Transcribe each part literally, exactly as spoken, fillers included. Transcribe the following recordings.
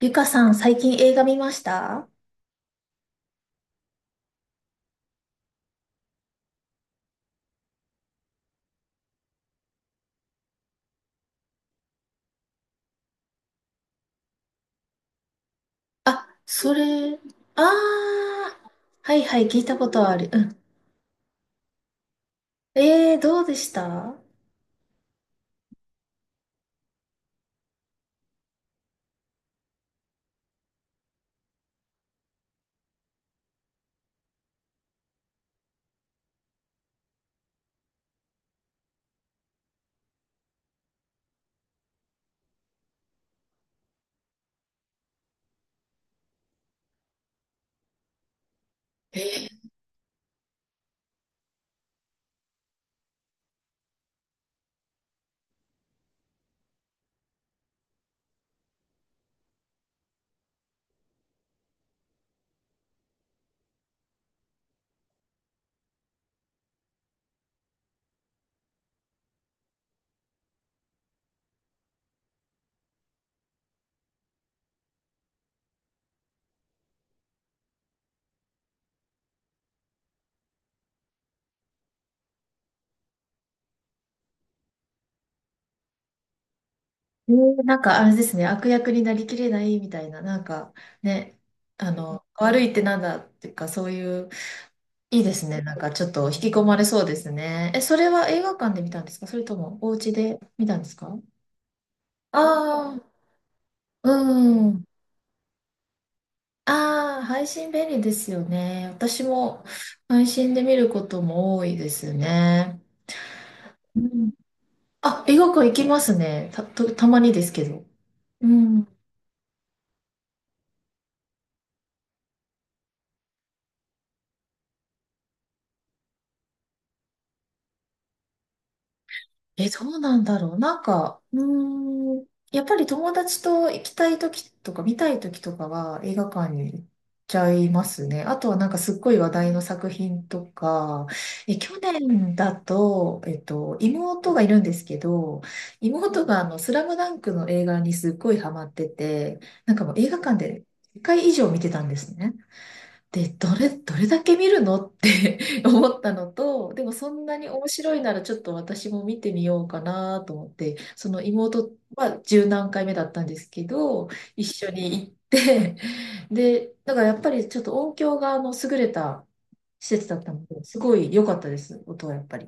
ゆかさん、最近映画見ました？あ、それ、ああ、はいはい、聞いたことある。うん。えー、どうでした？えーえー、なんかあれですね、悪役になりきれないみたいな、なんかね、あの、悪いってなんだっていうか、そういう、いいですね、なんかちょっと引き込まれそうですね。え、それは映画館で見たんですか、それともお家で見たんですか？ああー、うん。ああ、配信便利ですよね。私も配信で見ることも多いですね。うん。あ、映画館行きますね。た、と、たまにですけど。うん。え、どうなんだろう。なんか、うーん、やっぱり友達と行きたい時とか見たい時とかは映画館に行っちゃいますね。あとはなんかすっごい話題の作品とか、え、去年だと、えっと、妹がいるんですけど、妹があの、スラムダンクの映画にすっごいハマってて、なんかもう映画館でいっかい以上見てたんですね。で、どれ、どれだけ見るのって 思ったのと、でもそんなに面白いならちょっと私も見てみようかなと思って、その妹はじゅうなんかいめだったんですけど、一緒に行って、で、だからやっぱりちょっと音響があの優れた施設だったので、すごい良かったです、音はやっぱり。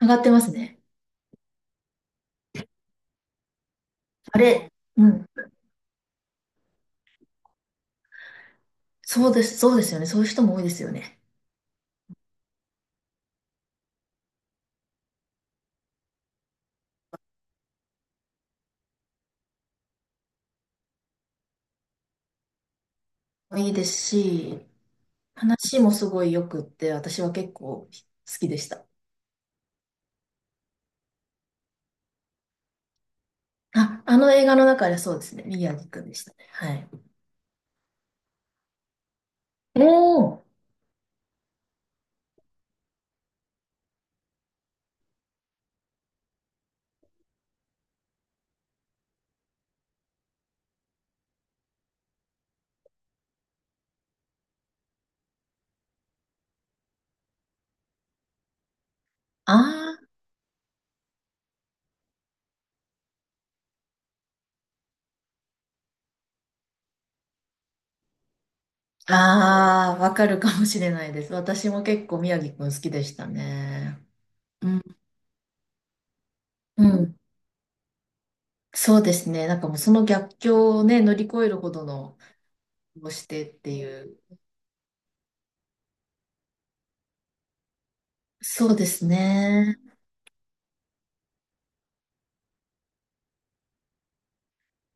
上がってますね。あれ、うん。そうです、そうですよね。そういう人も多いですよね。いいですし、話もすごい良くって、私は結構好きでした。あ、あの映画の中でそうですね。宮城くんでしたね。はい。おー、ああ、ああ、わかるかもしれないです。私も結構宮城くん好きでしたね。うん。うん。そうですね。なんかもうその逆境をね、乗り越えるほどのをしてっていう。そうですね。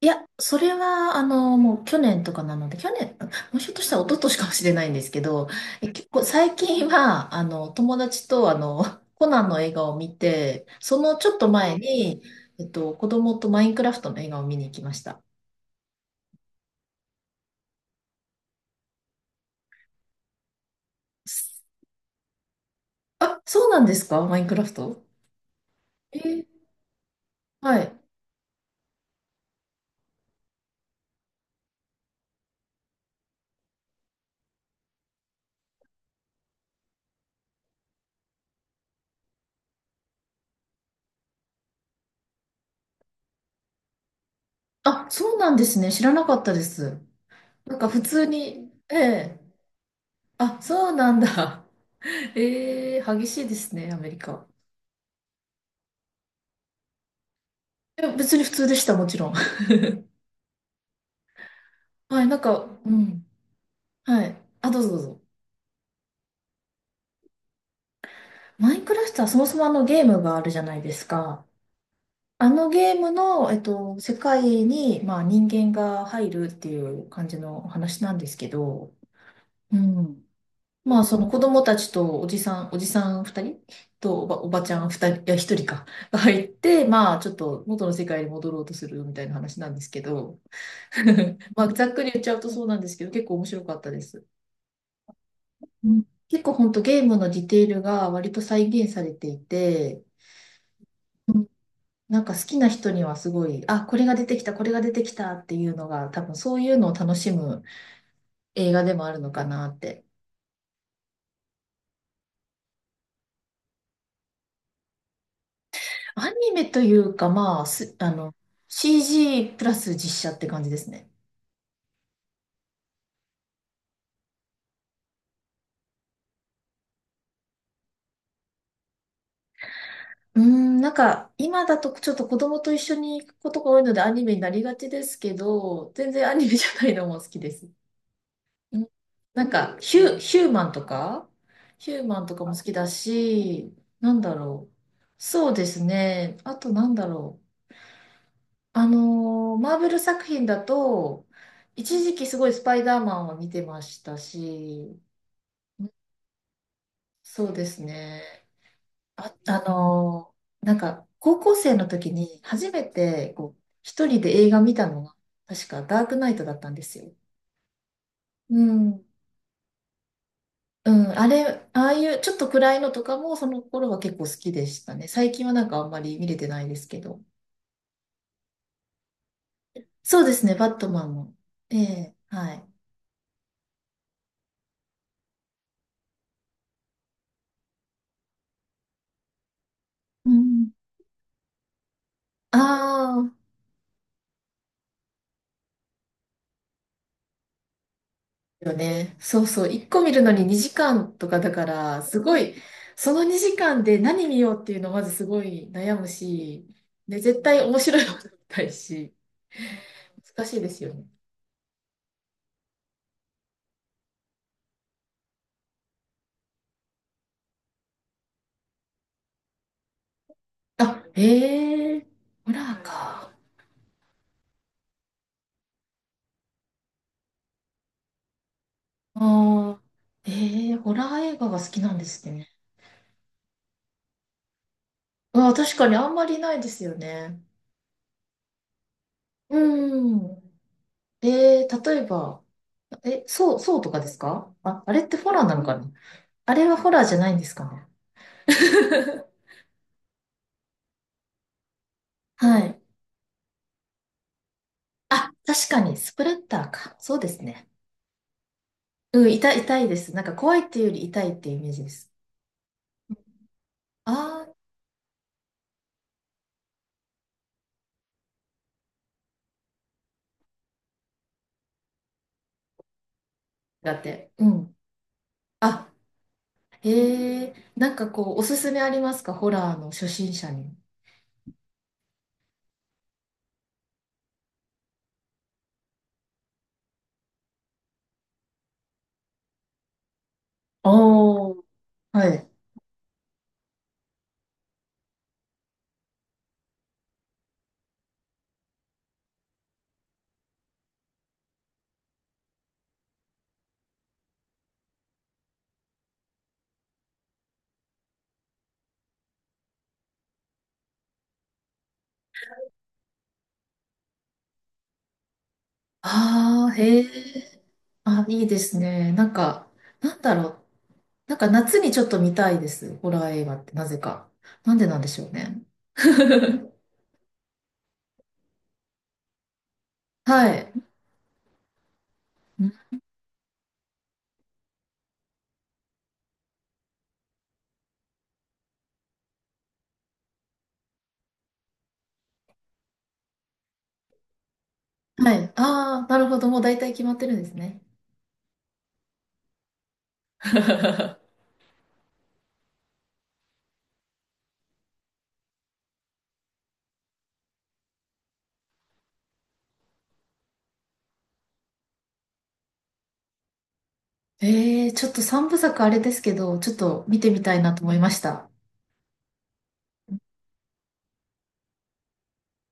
いや、それは、あの、もう去年とかなので、去年、もうひょっとしたら一昨年かもしれないんですけど、え、結構最近は、あの、友達と、あの、コナンの映画を見て、そのちょっと前に、えっと、子供とマインクラフトの映画を見に行きました。あ、そうなんですか、マインクラフト？えー。はい。あ、そうなんですね。知らなかったです。なんか普通に、ええ。あ、そうなんだ。ええ激しいですね、アメリカ。いや別に普通でした、もちろん。はい、なんか、うん。はい。あ、どうぞどうぞ。マインクラフトはそもそもあのゲームがあるじゃないですか。あのゲームの、えっと、世界に、まあ、人間が入るっていう感じの話なんですけど、うん。まあ、その子供たちとおじさん、おじさん二人とおば、おばちゃん二人、いや、一人か、が入って、まあ、ちょっと元の世界に戻ろうとするみたいな話なんですけど、まあ、ざっくり言っちゃうとそうなんですけど、結構面白かったです。うん、結構本当ゲームのディテールが割と再現されていて、うん、なんか好きな人にはすごい、あ、これが出てきた、これが出てきたっていうのが、多分そういうのを楽しむ映画でもあるのかなって。アニメというか、まあ、す、あの、シージー プラス実写って感じですね。うーん、なんか今だとちょっと子供と一緒に行くことが多いのでアニメになりがちですけど、全然アニメじゃないのも好きです。うん。なんかヒュ、ヒューマンとか、ヒューマンとかも好きだし、なんだろう。そうですね。あとなんだろう。あのーマーベル作品だと、一時期すごいスパイダーマンを見てましたし、うん、そうですね。あ、あのーなんか高校生の時に初めてこう一人で映画見たのが、確かダークナイトだったんですよ。うん。うん、あれ、ああいうちょっと暗いのとかもその頃は結構好きでしたね。最近はなんかあんまり見れてないですけど。そうですね、バットマンも。ええ、はい。うん。ああ、よね。そうそう、いっこ見るのににじかんとかだから、すごい、そのにじかんで何見ようっていうのまずすごい悩むし、で、絶対面白いもの見たいし、難しいですよね。あ、へえ、ホラーか。ああ、ええ、ホラー映画が好きなんですね。うわ、確かにあんまりないですよね。うん。えー、例えば、え、そう、そうとかですか？あ、あれってホラーなのかな？あれはホラーじゃないんですかね？ はい。あ、確かに、スプレッターか。そうですね。うん、痛い、痛いです。なんか怖いっていうより痛いっていうイメージです。あー、だって。うん。あ、えー、なんかこう、おすすめありますか、ホラーの初心者に？おー、はい。ああ、へえ。あ、いいですね。なんか、なんだろう。なんか夏にちょっと見たいです。ホラー映画って、なぜか。なんでなんでしょうね。はい。んはい。ああ、なるほど。もう大体決まってるんですね。ええ、ちょっとさんぶさくあれですけど、ちょっと見てみたいなと思いました。